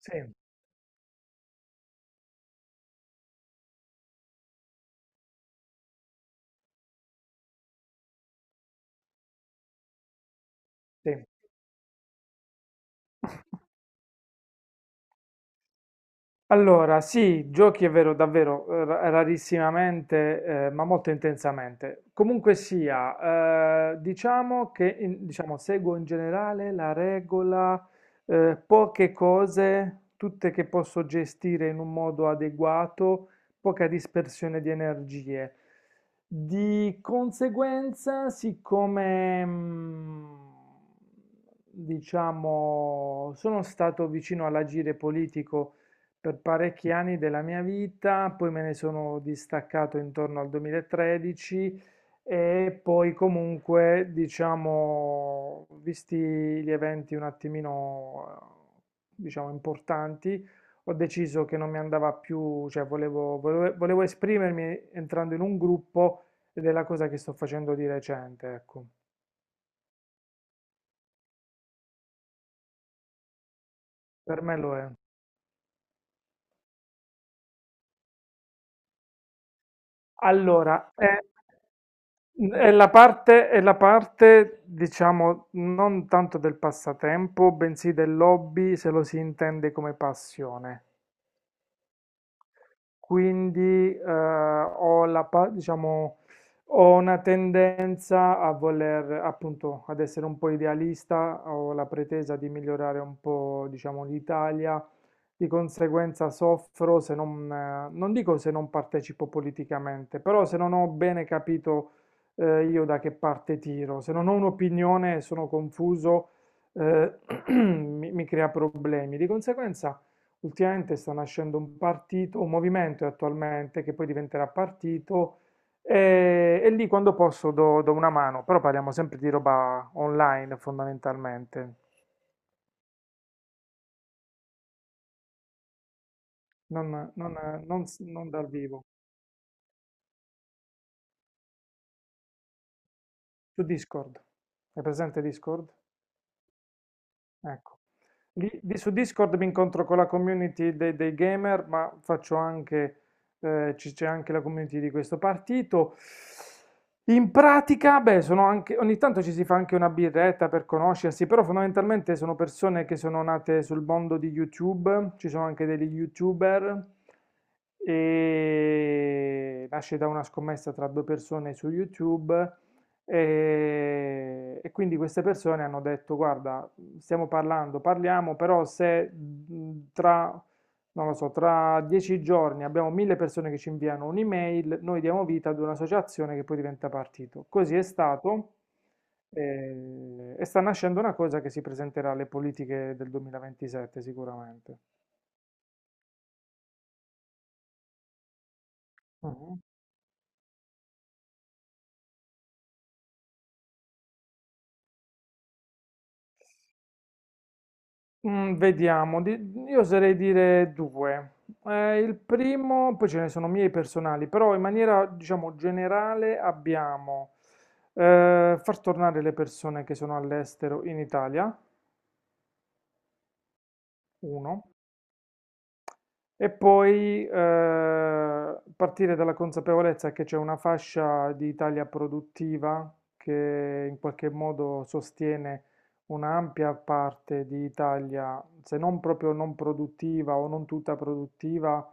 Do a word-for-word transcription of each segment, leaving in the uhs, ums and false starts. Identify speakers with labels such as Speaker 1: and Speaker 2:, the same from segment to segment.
Speaker 1: Sì, sì. Allora, sì, giochi è vero, davvero, eh, ra- rarissimamente, eh, ma molto intensamente. Comunque sia, eh, diciamo che in- diciamo, seguo in generale la regola, eh, poche cose, tutte che posso gestire in un modo adeguato, poca dispersione di energie. Di conseguenza, siccome, mm, diciamo, sono stato vicino all'agire politico, per parecchi anni della mia vita, poi me ne sono distaccato intorno al duemilatredici. E poi comunque, diciamo, visti gli eventi un attimino, eh, diciamo, importanti, ho deciso che non mi andava più, cioè volevo, volevo, volevo esprimermi entrando in un gruppo, ed è la cosa che sto facendo di recente, ecco. Per me lo è. Allora, è, è la parte, è la parte, diciamo, non tanto del passatempo, bensì dell'hobby, se lo si intende come passione. Quindi eh, ho la, pa- diciamo, ho una tendenza a voler, appunto, ad essere un po' idealista, ho la pretesa di migliorare un po', diciamo, l'Italia. Di conseguenza soffro se non, eh, non dico se non partecipo politicamente, però se non ho bene capito eh, io da che parte tiro, se non ho un'opinione e sono confuso, eh, mi mi crea problemi. Di conseguenza. Ultimamente sta nascendo un partito, un movimento attualmente che poi diventerà partito, e, e lì quando posso do, do una mano, però parliamo sempre di roba online fondamentalmente, non, non, non s- non dal vivo. Su Discord, è presente Discord? Ecco. Lì- lì su Discord mi incontro con la community dei, dei gamer, ma faccio anche, eh, ci- c'è anche la community di questo partito. In pratica, beh, sono anche, ogni tanto ci si fa anche una birretta per conoscersi, però fondamentalmente sono persone che sono nate sul mondo di YouTube, ci sono anche degli YouTuber, e nasce da una scommessa tra due persone su YouTube. E, e quindi queste persone hanno detto: "Guarda, stiamo parlando, parliamo, però se mh, tra, non lo so, tra dieci giorni abbiamo mille persone che ci inviano un'email, noi diamo vita ad un'associazione che poi diventa partito." Così è stato, eh, e sta nascendo una cosa che si presenterà alle politiche del duemilaventisette sicuramente. Mhm. Mm, vediamo, di- io oserei dire due. Eh, il primo, poi ce ne sono miei personali, però in maniera, diciamo, generale abbiamo eh, far tornare le persone che sono all'estero in Italia, uno. E poi eh, partire dalla consapevolezza che c'è una fascia di Italia produttiva che in qualche modo sostiene un'ampia parte di Italia, se non proprio non produttiva o non tutta produttiva,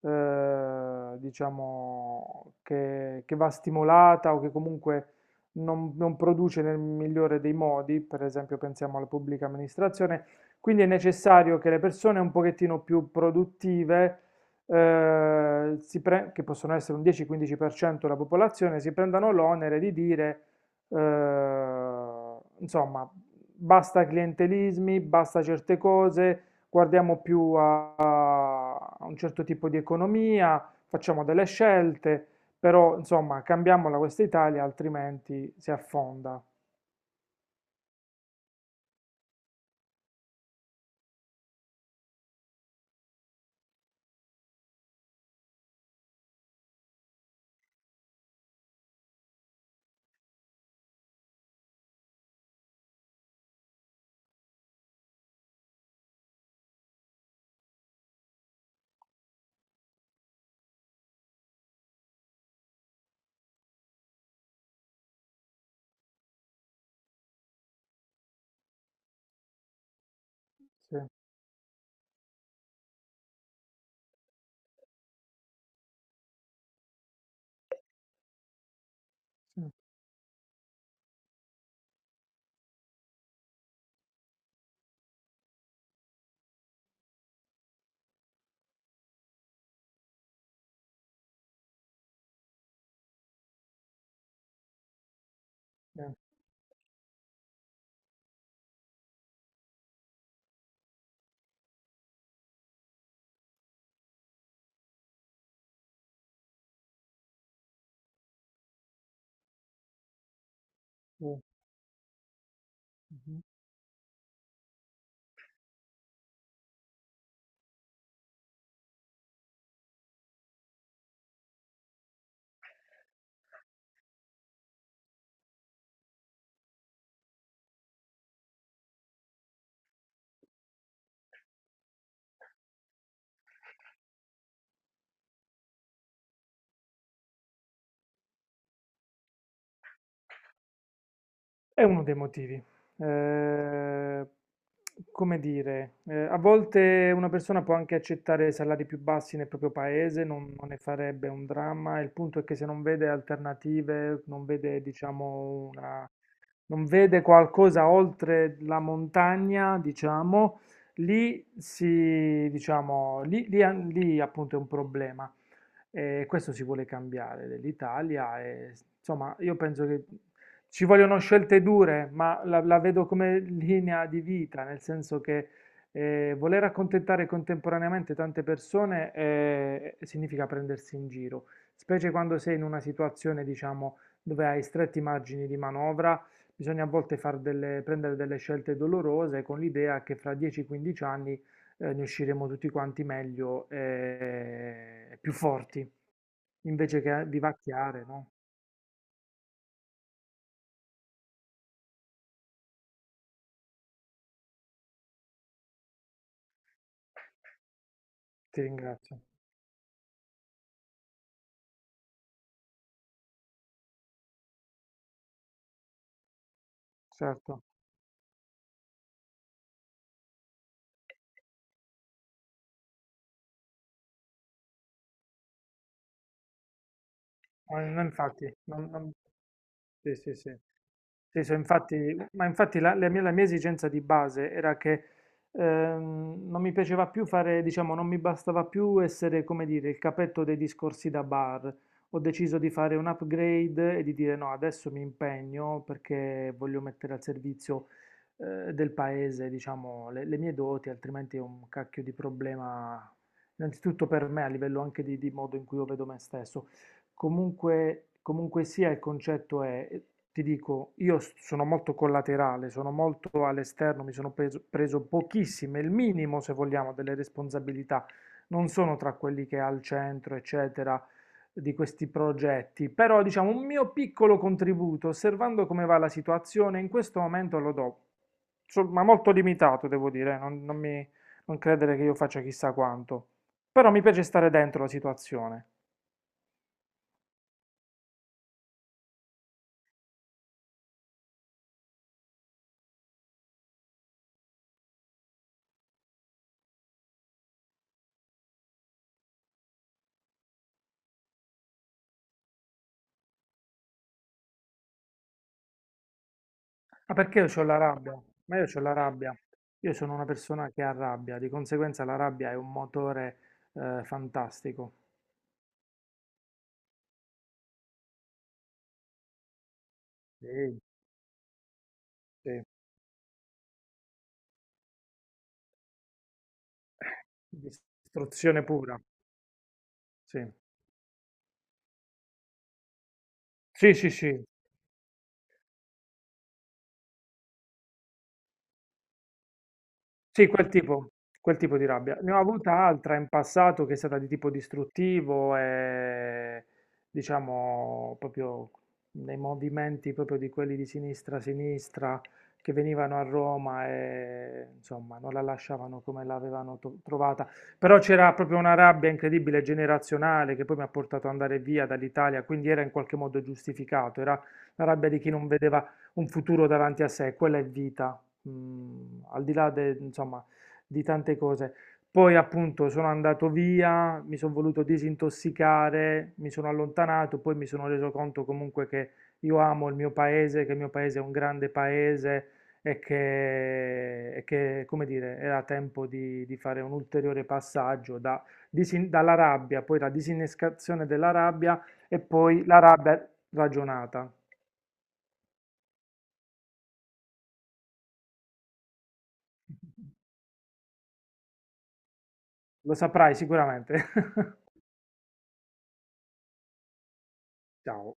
Speaker 1: eh, diciamo che, che va stimolata o che comunque non non produce nel migliore dei modi, per esempio pensiamo alla pubblica amministrazione. Quindi è necessario che le persone un pochettino più produttive, eh, si pre- che possono essere un dieci-quindici per cento della popolazione, si prendano l'onere di dire, eh, insomma, basta clientelismi, basta certe cose, guardiamo più a, a un certo tipo di economia, facciamo delle scelte, però, insomma, cambiamola questa Italia, altrimenti si affonda. Sì, sì, sì, sì. Mhm. È uno dei motivi. Eh, come dire, eh, a volte una persona può anche accettare salari più bassi nel proprio paese, non, non ne farebbe un dramma. Il punto è che se non vede alternative, non vede, diciamo, una, non vede qualcosa oltre la montagna, diciamo, lì si, diciamo, lì, lì- lì appunto è un problema. E questo si vuole cambiare dell'Italia. e, Insomma, io penso che ci vogliono scelte dure, ma la, la vedo come linea di vita, nel senso che eh, voler accontentare contemporaneamente tante persone eh, significa prendersi in giro, specie quando sei in una situazione, diciamo, dove hai stretti margini di manovra. Bisogna a volte far delle- prendere delle scelte dolorose con l'idea che fra dieci o quindici anni eh, ne usciremo tutti quanti meglio e e più forti, invece che eh, vivacchiare, no? Ti ringrazio, certo. Ma non- infatti, non- non- sì, sì, sì. Sì, so, infatti, ma infatti la, la mia, la mia esigenza di base era che ehm, non mi piaceva più fare, diciamo, non mi bastava più essere, come dire, il capetto dei discorsi da bar. Ho deciso di fare un upgrade e di dire no, adesso mi impegno perché voglio mettere al servizio eh, del paese, diciamo, le, le mie doti, altrimenti è un cacchio di problema, innanzitutto per me, a livello anche di di modo in cui io vedo me stesso. Comunque, comunque sia, il concetto è, eh, ti dico, io s- sono molto collaterale, sono molto all'esterno, mi sono preso, preso pochissime, il minimo, se vogliamo, delle responsabilità. Non sono tra quelli che è al centro, eccetera, di questi progetti, però diciamo un mio piccolo contributo, osservando come va la situazione, in questo momento lo do. So- ma molto limitato, devo dire, eh, non non mi non credere che io faccia chissà quanto. Però mi piace stare dentro la situazione. Ma perché io ho la rabbia? Ma io ho la rabbia. Io sono una persona che ha rabbia, di conseguenza la rabbia è un motore eh, fantastico. Sì, sì. Distruzione pura. Sì, sì, sì, sì. Sì, quel tipo, quel tipo di rabbia. Ne ho avuta altra in passato che è stata di tipo distruttivo, e diciamo proprio nei movimenti proprio di quelli di sinistra a sinistra che venivano a Roma e insomma non la lasciavano come l'avevano to- trovata. Però c'era proprio una rabbia incredibile generazionale che poi mi ha portato ad andare via dall'Italia, quindi era in qualche modo giustificato, era la rabbia di chi non vedeva un futuro davanti a sé, quella è vita, mhmm, al di là de insomma, di tante cose. Poi appunto sono andato via, mi sono voluto disintossicare, mi sono allontanato, poi mi sono reso conto comunque che io amo il mio paese, che il mio paese è un grande paese, e che, e che, come dire, era tempo di, di fare un ulteriore passaggio da disin- dalla rabbia, poi la disinnescazione della rabbia e poi la rabbia ragionata. Lo saprai sicuramente. Ciao.